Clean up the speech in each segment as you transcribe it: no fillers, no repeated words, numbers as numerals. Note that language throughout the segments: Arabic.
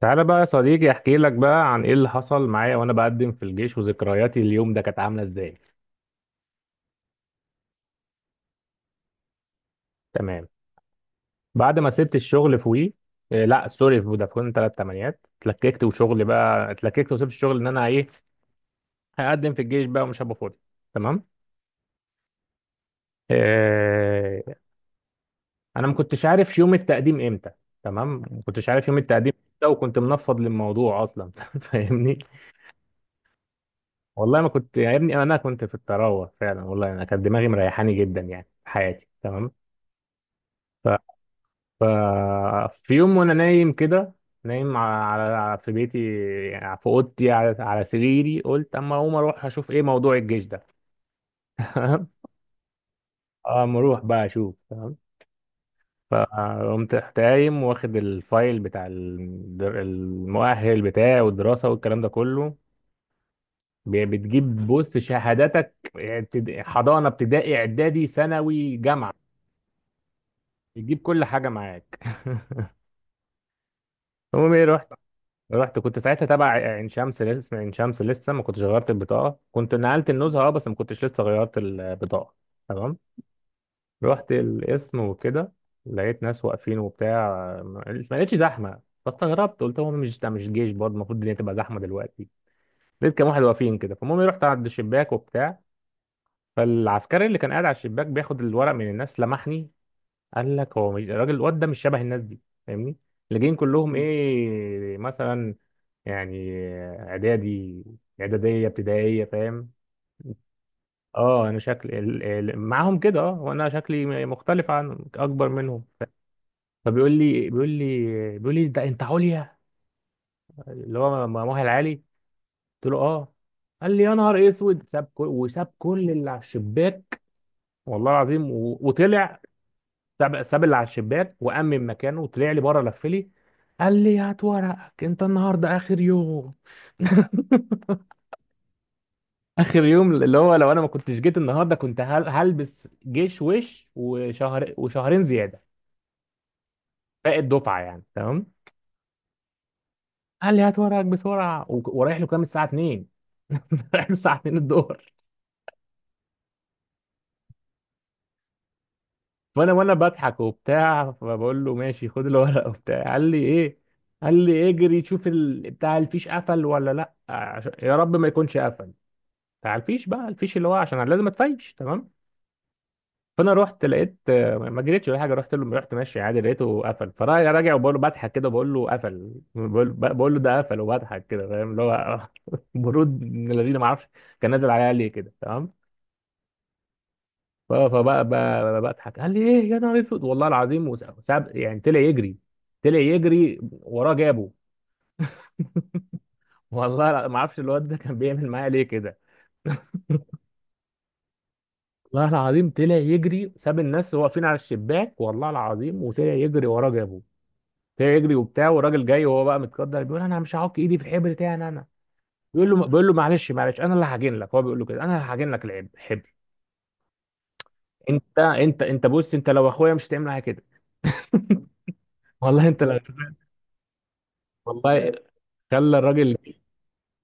تعالى بقى يا صديقي، احكي لك بقى عن ايه اللي حصل معايا وانا بقدم في الجيش، وذكرياتي اليوم ده كانت عامله ازاي. تمام. بعد ما سبت الشغل في وي، إيه لا سوري، في فودافون 38 اتلككت، وشغل بقى اتلككت وسبت الشغل ان انا ايه هقدم في الجيش بقى ومش هبقى فاضي. تمام. إيه، انا ما كنتش عارف يوم التقديم امتى. تمام، ما كنتش عارف يوم التقديم امتى وكنت منفض للموضوع اصلا فاهمني. والله ما كنت يا ابني، انا كنت في الطراوه فعلا، والله انا كانت دماغي مريحاني جدا يعني في حياتي. تمام. ف ففي يوم وانا نايم كده، نايم في بيتي يعني في اوضتي على سريري، قلت اما اقوم اروح اشوف ايه موضوع الجيش ده. تمام. اما اروح بقى اشوف. تمام. فقمت رحت قايم واخد الفايل بتاع المؤهل بتاعي والدراسه والكلام ده كله. بتجيب بص شهاداتك، حضانه ابتدائي اعدادي ثانوي جامعه. بتجيب كل حاجه معاك المهم ايه، رحت. رحت كنت ساعتها تبع عين شمس، لسه اسم عين شمس، لسه ما كنتش غيرت البطاقه، كنت نقلت النزهه اه بس ما كنتش لسه غيرت البطاقه. تمام. رحت القسم وكده، لقيت ناس واقفين وبتاع. ما ما لقيتش زحمه فاستغربت، قلت هو مش ده مش جيش برضه؟ المفروض الدنيا تبقى زحمه دلوقتي. لقيت كام واحد واقفين كده. فالمهم رحت عند الشباك وبتاع. فالعسكري اللي كان قاعد على الشباك بياخد الورق من الناس لمحني، قال لك هو مش الراجل الواد ده مش شبه الناس دي، فاهمني، اللي جايين كلهم ايه مثلا يعني اعدادي اعداديه ابتدائيه، فاهم. اه انا شكل معاهم كده اه، وانا شكلي مختلف عن اكبر منهم. فبيقول لي ده انت عليا، اللي هو مؤهل عالي. قلت له اه. قال لي يا نهار اسود، ساب كل وساب كل اللي على الشباك، والله العظيم وطلع. ساب اللي على الشباك وامن مكانه وطلع لي بره لف لي، قال لي هات ورقك انت النهارده اخر يوم. اخر يوم، اللي هو لو انا ما كنتش جيت النهارده كنت هلبس جيش، وشهر وشهرين زياده باقي الدفعه يعني. تمام. قال لي هات ورقك بسرعه ورايح له، كام الساعه 2. رايح له الساعه 2 الظهر. فانا وانا بضحك وبتاع، فبقول له ماشي خد الورقه وبتاع، قال لي ايه. قال لي اجري شوف بتاع الفيش قفل ولا لا، يا رب ما يكونش قفل، بتاع الفيش بقى، الفيش اللي هو عشان أنا لازم اتفيش. تمام. فانا رحت، لقيت آه، ما جريتش ولا حاجه، رحت له، رحت ماشي عادي، لقيته قفل. فراجع وبقول له بضحك كده، بقول له قفل، بقول له ده قفل وبضحك كده، فاهم اللي هو برود من الذين ما اعرفش. كان نازل عليا ليه كده. تمام. فبقى بضحك، قال لي ايه يا نهار اسود والله العظيم، وساب يعني طلع يجري، طلع يجري وراه جابه. والله ما اعرفش الواد ده كان بيعمل معايا ليه كده. والله العظيم طلع يجري، ساب الناس واقفين على الشباك والله العظيم، وطلع يجري وراه جابه. فيجري يجري وبتاع، والراجل جاي وهو بقى متقدر، بيقول انا مش هعك ايدي في الحبر بتاعي، انا بيقول له معلش معلش، انا اللي هعجن لك، هو بيقول له كده انا اللي هعجن لك الحبر. انت بص، انت لو اخويا مش هتعمل معايا كده والله انت لو والله خلى الراجل،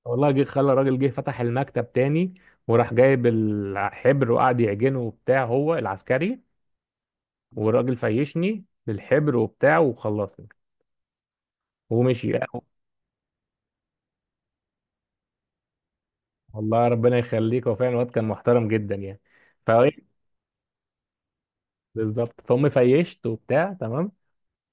والله جه خلى الراجل جه فتح المكتب تاني، وراح جايب الحبر وقعد يعجنه وبتاع هو العسكري، والراجل فيشني بالحبر وبتاع وخلصني ومشي. والله ربنا يخليك، هو فعلا الواد كان محترم جدا يعني. بالظبط فهم. فيشت وبتاع. تمام.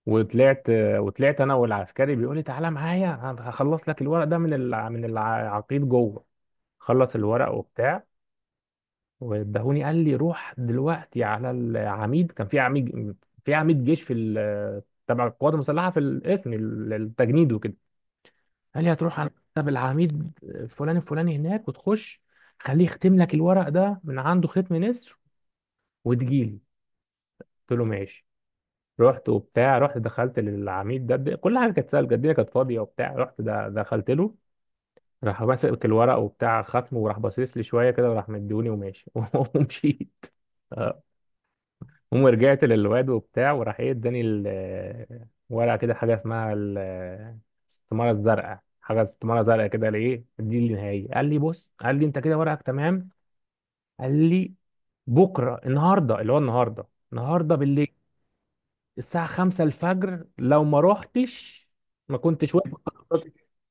وطلعت. وطلعت انا والعسكري، بيقول لي تعالى معايا هخلص لك الورق ده من من العقيد جوه، خلص الورق وبتاع وادهوني. قال لي روح دلوقتي على العميد، كان في عميد، في عميد جيش في تبع القوات المسلحه في القسم التجنيد وكده. قال لي هتروح على مكتب العميد فلان الفلاني هناك، وتخش خليه يختم لك الورق ده من عنده ختم نسر وتجيلي. قلت له ماشي. رحت وبتاع، رحت دخلت للعميد ده كل حاجه كانت سهله، الجديره كانت فاضيه وبتاع، رحت ده دخلت له، راح ماسك الورق وبتاع ختمه وراح باصص لي شويه كده وراح مديوني وماشي ومشيت. اه. المهم رجعت للواد وبتاع، وراح ايه اداني ورقه كده حاجه اسمها الاستماره الزرقاء، حاجه استماره زرقاء كده، لايه دي النهائيه. قال لي بص، قال لي انت كده ورقك تمام. قال لي بكره، النهارده اللي هو النهارده، النهارده بالليل الساعة 5 الفجر لو ما روحتش ما كنتش واقف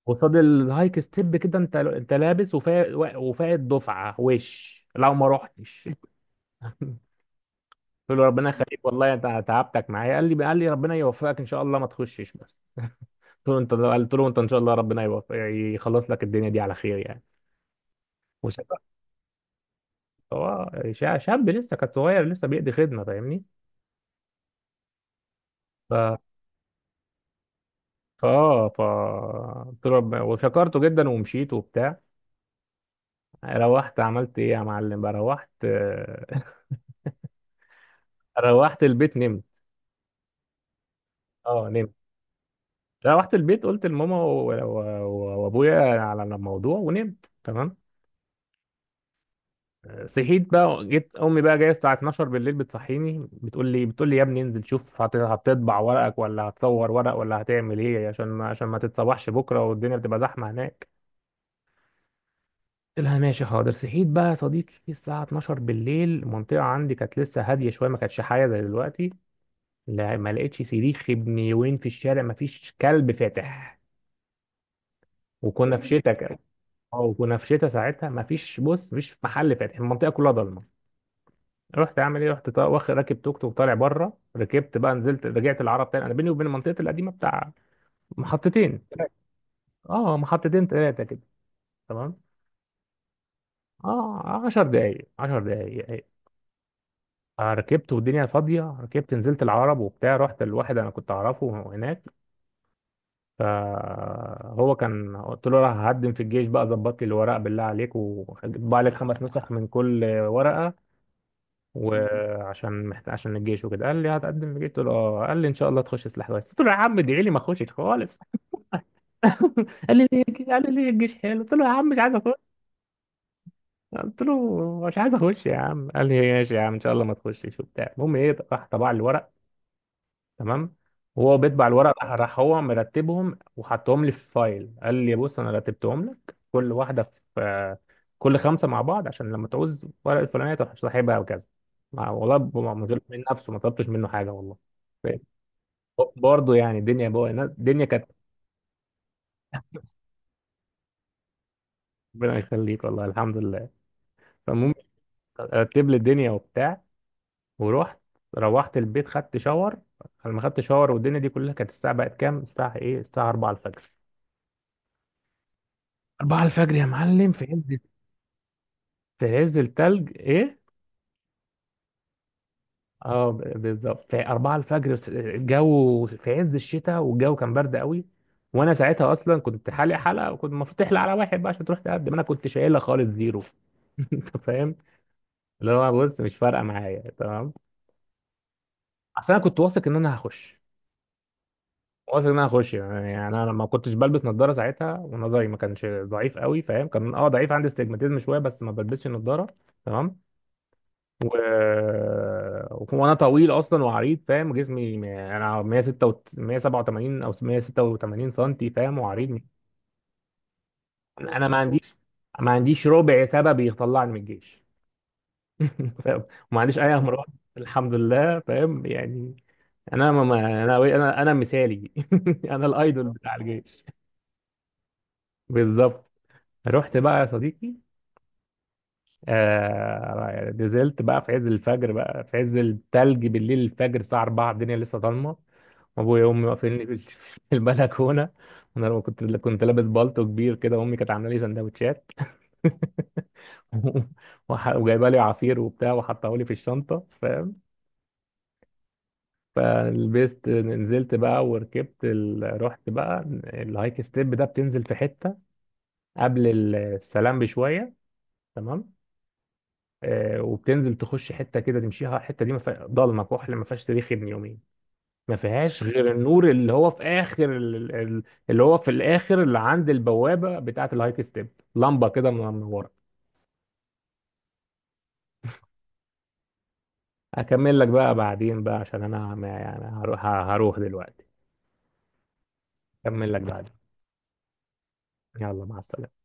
قصاد الهايك ستيب كده، انت لابس وفايق، وفايق دفعة وش لو ما روحتش قلت له ربنا يخليك والله انت تعبتك معايا. قال لي ربنا يوفقك ان شاء الله ما تخشش بس. قلت له انت ان شاء الله ربنا يوفق يخلص لك الدنيا دي على خير يعني. وشاب. هو شاب لسه كان صغير لسه بيقضي خدمة، فاهمني. ف فاه ف قلت له وشكرته جدا ومشيت وبتاع. روحت عملت ايه يا معلم بقى. روحت روحت البيت نمت. اه نمت. روحت البيت قلت لماما وابويا على الموضوع ونمت. تمام. صحيت بقى، جيت امي بقى جايه الساعه 12 بالليل بتصحيني، بتقول لي، بتقول لي يا ابني انزل شوف هتطبع ورقك ولا هتصور ورق ولا هتعمل ايه، عشان ما تتصبحش بكره والدنيا بتبقى زحمه هناك. قلت لها ماشي حاضر. صحيت بقى يا صديقي الساعه 12 بالليل، المنطقه عندي كانت لسه هاديه شويه، ما كانتش حاجه زي دلوقتي. لا، ما لقيتش صريخ ابن يومين في الشارع، ما فيش كلب فاتح، وكنا في شتاء كده. اه وكنا في شتاء ساعتها، ما فيش بص، مفيش محل فاتح، المنطقه كلها ضلمه. رحت اعمل ايه، رحت واخد راكب توك توك طالع بره، ركبت بقى نزلت رجعت العرب تاني. انا بيني وبين المنطقه القديمه بتاع محطتين. اه محطتين ثلاثه كده. تمام. اه 10 دقايق 10 دقايق آه، ركبت والدنيا فاضيه، ركبت نزلت العرب وبتاع، رحت لواحد انا كنت اعرفه هناك. فهو كان، قلت له راح هقدم في الجيش بقى، ظبط لي الورق بالله عليك، وطبع لك خمس نسخ من كل ورقة وعشان عشان الجيش وكده. قال لي هتقدم في الجيش. قلت له اه. قال لي ان شاء الله تخش سلاح كويس. قلت له يا عم ادعي لي ما اخشش خالص. قال لي ليه. قال لي ليه الجيش حلو. قلت له يا عم مش عايز اخش. قلت له مش عايز اخش يا عم. قال لي ماشي يا عم ان شاء الله ما تخشش وبتاع. المهم ايه، راح طبع لي الورق. تمام. وهو بيطبع الورق، راح هو مرتبهم وحطهم لي في فايل، قال لي بص انا رتبتهم لك كل واحده في آه، كل خمسه مع بعض عشان لما تعوز ورقه الفلانيه تروح ساحبها وكذا. والله من من نفسه ما طلبتش منه حاجه والله. برضه يعني، الدنيا بقى الدنيا كانت. ربنا يخليك والله الحمد لله. فالمهم رتب لي الدنيا وبتاع ورحت. روحت البيت خدت شاور. لما خدت شاور والدنيا دي كلها كانت، الساعه بقت كام، الساعه ايه، الساعه 4 الفجر. 4 الفجر يا معلم في عز، في عز التلج ايه. اه بالظبط في 4 الفجر، بس الجو في عز الشتاء والجو كان برد قوي. وانا ساعتها اصلا كنت حالق حلقه، وكنت المفروض تحلق على واحد بقى عشان تروح تقدم انا كنت شايلها خالص زيرو انت فاهم، اللي هو بص مش فارقه معايا. تمام. اصل انا كنت واثق ان انا هخش. واثق ان انا هخش يعني انا ما كنتش بلبس نظاره ساعتها، ونظري ما كانش ضعيف قوي فاهم، كان اه ضعيف عندي استجماتيزم شويه بس ما بلبسش نظاره. تمام. و... وانا طويل اصلا وعريض فاهم، جسمي انا 186 187 او 186 سنتي فاهم وعريض. انا ما عنديش ما عنديش ربع سبب يطلعني من الجيش فاهم. وما عنديش اي امراض الحمد لله، فاهم يعني. انا ما ما- انا مثالي انا الايدول بتاع الجيش. بالظبط. رحت بقى يا صديقي آه يعني، نزلت بقى في عز الفجر بقى في عز التلج بالليل، الفجر الساعة 4، الدنيا لسه ضلمة. ابويا وامي واقفيني في في البلكونه. وانا لما كنت لابس بالطو كبير كده، امي كانت عامله لي سندوتشات وجايبه لي عصير وبتاع وحطه لي في الشنطه، فاهم. فلبست نزلت بقى وركبت رحت بقى الهايك ستيب ده بتنزل في حته قبل السلام بشويه. تمام. آه وبتنزل تخش حته كده تمشيها، الحته دي ما فيها- ضلمه كحل ما فيهاش تاريخ ابن يومين، ما فيهاش غير النور اللي هو في اخر اللي هو في الاخر اللي عند البوابه بتاعه الهايك ستيب، لمبه كده من ورا. اكمل لك بقى بعدين بقى عشان انا يعني هروح دلوقتي. اكمل لك بعدين. يلا مع السلامه.